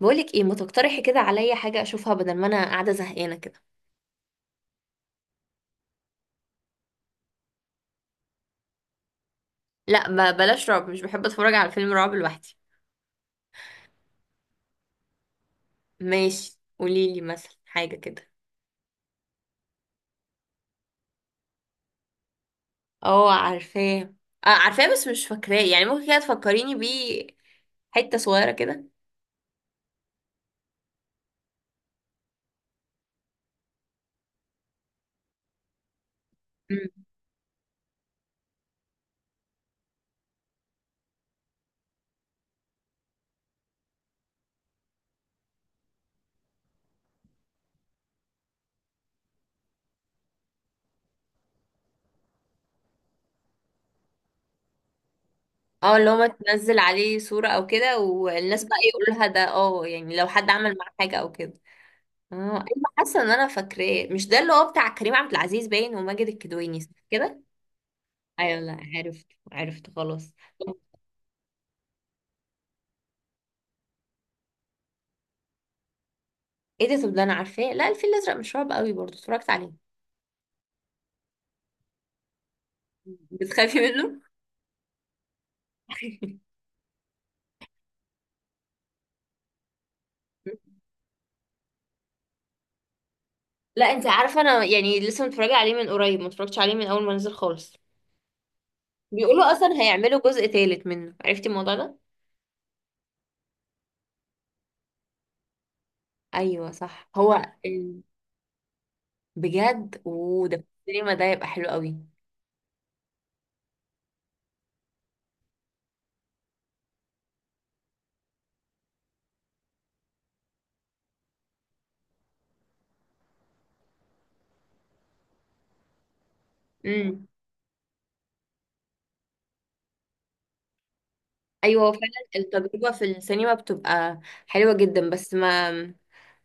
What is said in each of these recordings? بقولك ايه، ما تقترحي كده عليا حاجة اشوفها بدل ما انا قاعدة زهقانة كده؟ لا، بلاش رعب. مش بحب اتفرج على فيلم رعب لوحدي. ماشي، قوليلي مثلا حاجة كده. اه، عارفاه. اه عارفاه بس مش فاكراه، يعني ممكن كده تفكريني بيه. حتة صغيرة كده. مم. اه، اللي هو ما تنزل عليه صورة او كده، والناس بقى يقولوا لها ده، اه يعني لو حد عمل معاه حاجة او كده. اه، ايوه. حاسة ان انا فاكراه، مش ده اللي هو بتاع كريم عبد العزيز باين وماجد الكدواني، صح كده؟ ايوه، لا عرفت. عرفت خلاص. ايه ده؟ طب ده انا عارفاه. لا، الفيل الازرق مش رعب قوي برضه، اتفرجت عليه. بتخافي منه؟ لا، انت عارفه انا يعني لسه متفرجه عليه من قريب، ما اتفرجتش عليه من اول ما نزل خالص. بيقولوا اصلا هيعملوا جزء تالت منه، عرفتي الموضوع ده؟ ايوه صح، هو بجد؟ وده في السينما ده؟ يبقى حلو قوي. امم. ايوه، هو فعلا. التجربه في السينما بتبقى حلوه جدا، بس ما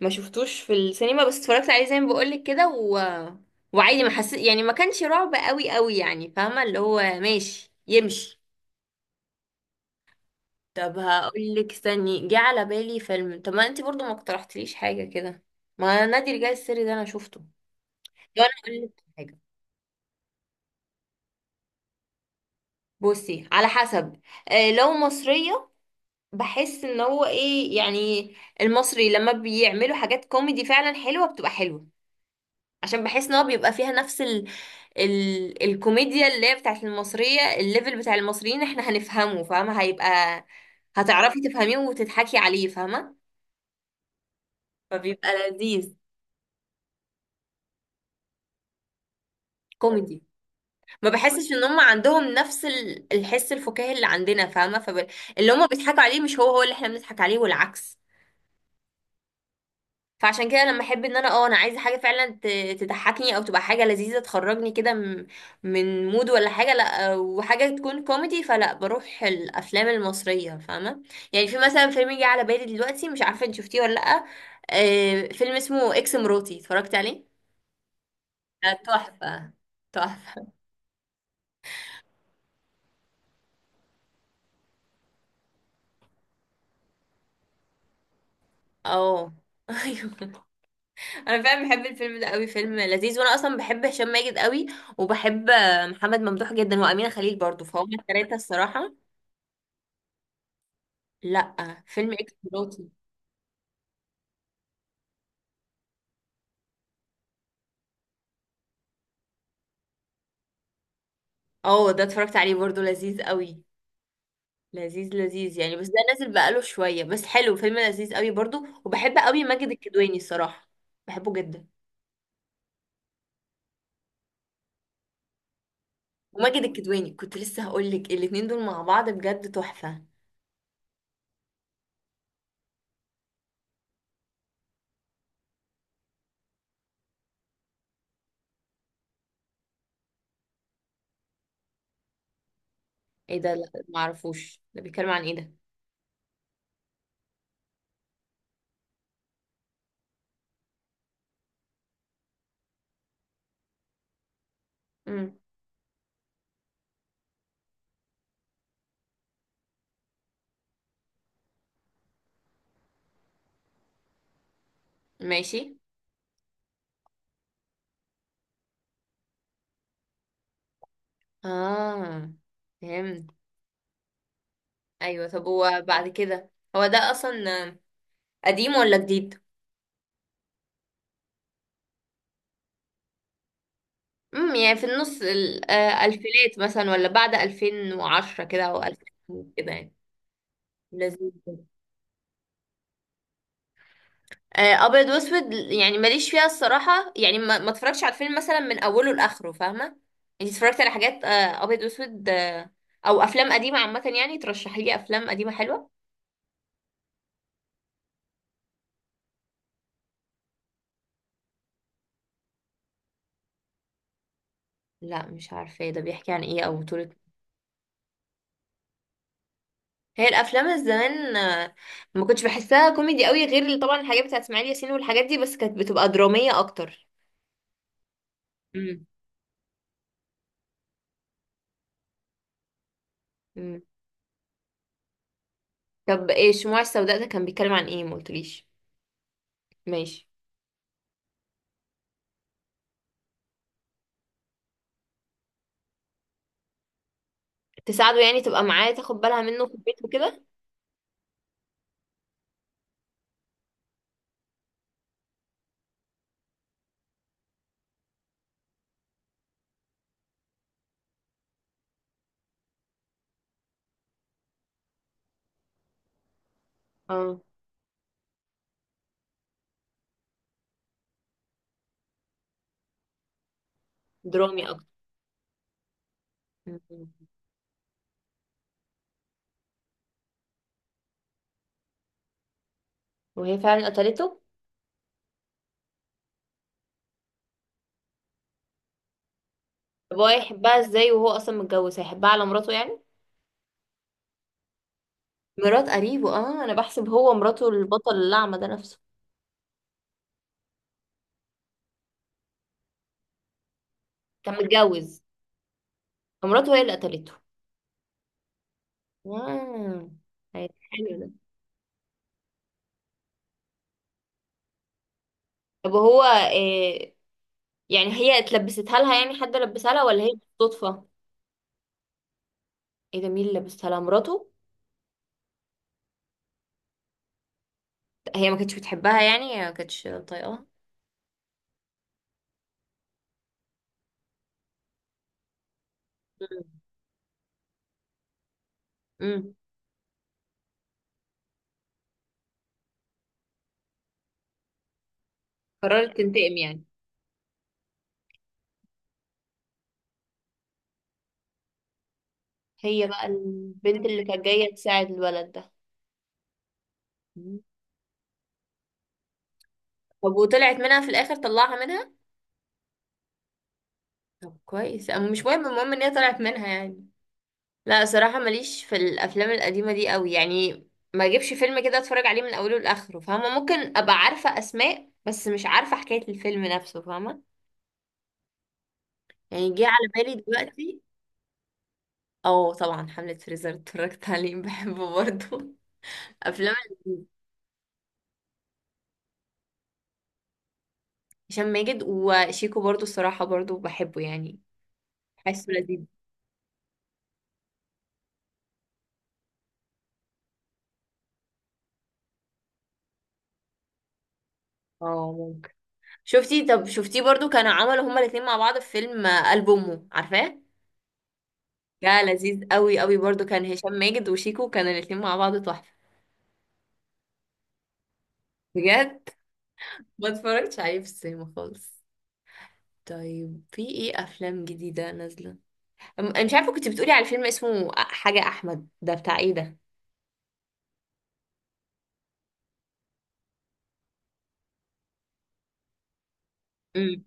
ما شفتوش في السينما. بس اتفرجت عليه زي ما بقولك كده، وعادي. ما حسيت يعني، ما كانش رعب قوي قوي يعني، فاهمه؟ اللي هو ماشي يمشي. طب هقولك، استني جه على بالي فيلم. طب ما انت برضو ما اقترحتليش حاجه كده. ما نادي الرجال السري ده انا شفته. لو انا اقولك حاجه. بصي، على حسب. لو مصريه، بحس ان هو ايه يعني، المصري لما بيعملوا حاجات كوميدي فعلا حلوه بتبقى حلوه. عشان بحس ان هو بيبقى فيها نفس الكوميديا اللي هي بتاعت المصرية. الليفل بتاع المصريين احنا هنفهمه، فاهمة؟ هيبقى هتعرفي تفهميه وتضحكي عليه، فاهمة؟ فبيبقى لذيذ. كوميدي. ما بحسش ان هم عندهم نفس الحس الفكاهي اللي عندنا، فاهمة؟ اللي هم بيضحكوا عليه مش هو هو اللي احنا بنضحك عليه، والعكس. فعشان كده لما احب ان انا عايزه حاجه فعلا تضحكني، او تبقى حاجه لذيذه تخرجني كده من مود ولا حاجه. لا، وحاجه تكون كوميدي، فلا بروح الافلام المصريه، فاهمه؟ يعني في مثلا فيلم جه على بالي دلوقتي، مش عارفه انت شفتيه ولا لا. فيلم اسمه اكس مراتي، اتفرجت عليه؟ ده تحفه. تحفه. اه. ايوه. انا فعلا بحب الفيلم ده قوي، فيلم لذيذ. وانا اصلا بحب هشام ماجد قوي، وبحب محمد ممدوح جدا وامينه خليل برضو، فهم الثلاثه الصراحه. لا، فيلم اكس مراتي. اه، ده اتفرجت عليه برضو، لذيذ قوي. لذيذ لذيذ يعني، بس ده نازل بقاله شوية، بس حلو، فيلم لذيذ قوي برضو. وبحب قوي ماجد الكدواني الصراحة، بحبه جدا. وماجد الكدواني كنت لسه هقول لك، الاتنين دول مع بعض بجد تحفة. ايه ده؟ لا معرفوش، ده بيتكلم عن ايه ده؟ امم. ماشي. اه، فهمت. ايوه، طب هو بعد كده هو ده اصلا قديم ولا جديد؟ امم، يعني في النص الألفينات مثلا، ولا بعد 2010 كده أو 2000 كده يعني؟ لذيذ جدا. أبيض وأسود يعني ماليش فيها الصراحة. يعني ما اتفرجش على الفيلم مثلا من أوله لآخره، فاهمة؟ يعني اتفرجت على حاجات أبيض وأسود، أو أفلام قديمة عامة. يعني ترشحي لي أفلام قديمة حلوة. لا، مش عارفة. ده بيحكي عن إيه أو بطولة؟ هي الأفلام الزمان ما كنتش بحسها كوميدي قوي، غير طبعا الحاجات بتاعت إسماعيل ياسين والحاجات دي، بس كانت بتبقى درامية أكتر. امم. طب ايه الشموع السوداء ده؟ كان بيتكلم عن ايه؟ ما قلتليش. ماشي. تساعده يعني تبقى معاه، تاخد بالها منه في البيت وكده. اه، درامي اكتر. م- وهي فعلا قتلته؟ طب هو هيحبها ازاي وهو اصلا متجوز؟ هيحبها على مراته يعني؟ مرات قريبه. اه، انا بحسب هو مراته البطل الأعمى ده نفسه. كان متجوز؟ فمراته هي اللي قتلته. آه. حلو ده. طب هو إيه يعني؟ هي اتلبستها لها، يعني حد لبسها لها ولا هي بالصدفة؟ ايه ده؟ مين اللي لبسها لها؟ مراته؟ هي ما كانتش بتحبها يعني، هي ما كانتش طايقاها؟ مم. مم. قررت تنتقم يعني. هي بقى البنت اللي كانت جاية تساعد الولد ده. مم. طب وطلعت منها في الآخر؟ طلعها منها؟ طب كويس، أما مش مهم، المهم ان هي طلعت منها يعني. لا، صراحة ماليش في الأفلام القديمة دي قوي يعني، ما اجيبش فيلم كده اتفرج عليه من اوله لاخره، فاهمه؟ ممكن ابقى عارفه اسماء، بس مش عارفه حكايه الفيلم نفسه، فاهمه؟ يعني جه على بالي دلوقتي. اه طبعا، حمله فريزر اتفرجت عليه، بحبه برضه. افلام هشام ماجد وشيكو برضو الصراحة، برضو بحبه يعني. حاسه لذيذ. اه، ممكن. شفتي؟ طب شفتيه؟ برضو كانوا عملوا هما الاتنين مع بعض في فيلم قلب أمه، عارفاه؟ ده لذيذ قوي قوي برضو، كان هشام ماجد وشيكو، كانوا الاتنين مع بعض تحفة. بجد؟ ما اتفرجتش عليه في السينما خالص. طيب في ايه افلام جديدة نازلة؟ انا مش عارفة. كنت بتقولي على فيلم اسمه حاجة احمد ده، بتاع ايه ده؟ امم.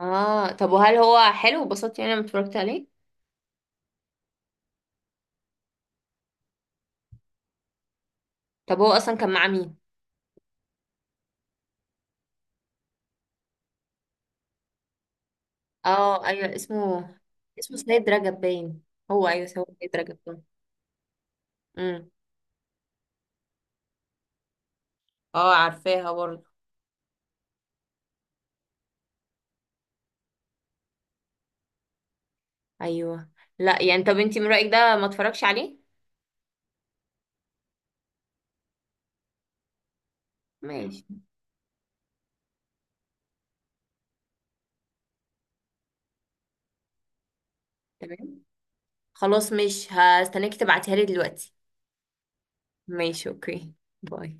اه، طب وهل هو حلو؟ وبسطت يعني لما اتفرجت عليه؟ طب هو اصلا كان مع مين؟ اه ايوه، اسمه سيد رجب باين. هو ايوه، هو سيد رجب باين. امم. اه، عارفاها برضه. ايوه. لا، يعني طب انتي من رأيك ده ما اتفرجش عليه؟ ماشي. تمام. خلاص، مش هستناك تبعتيها لي دلوقتي. ماشي، اوكي. باي.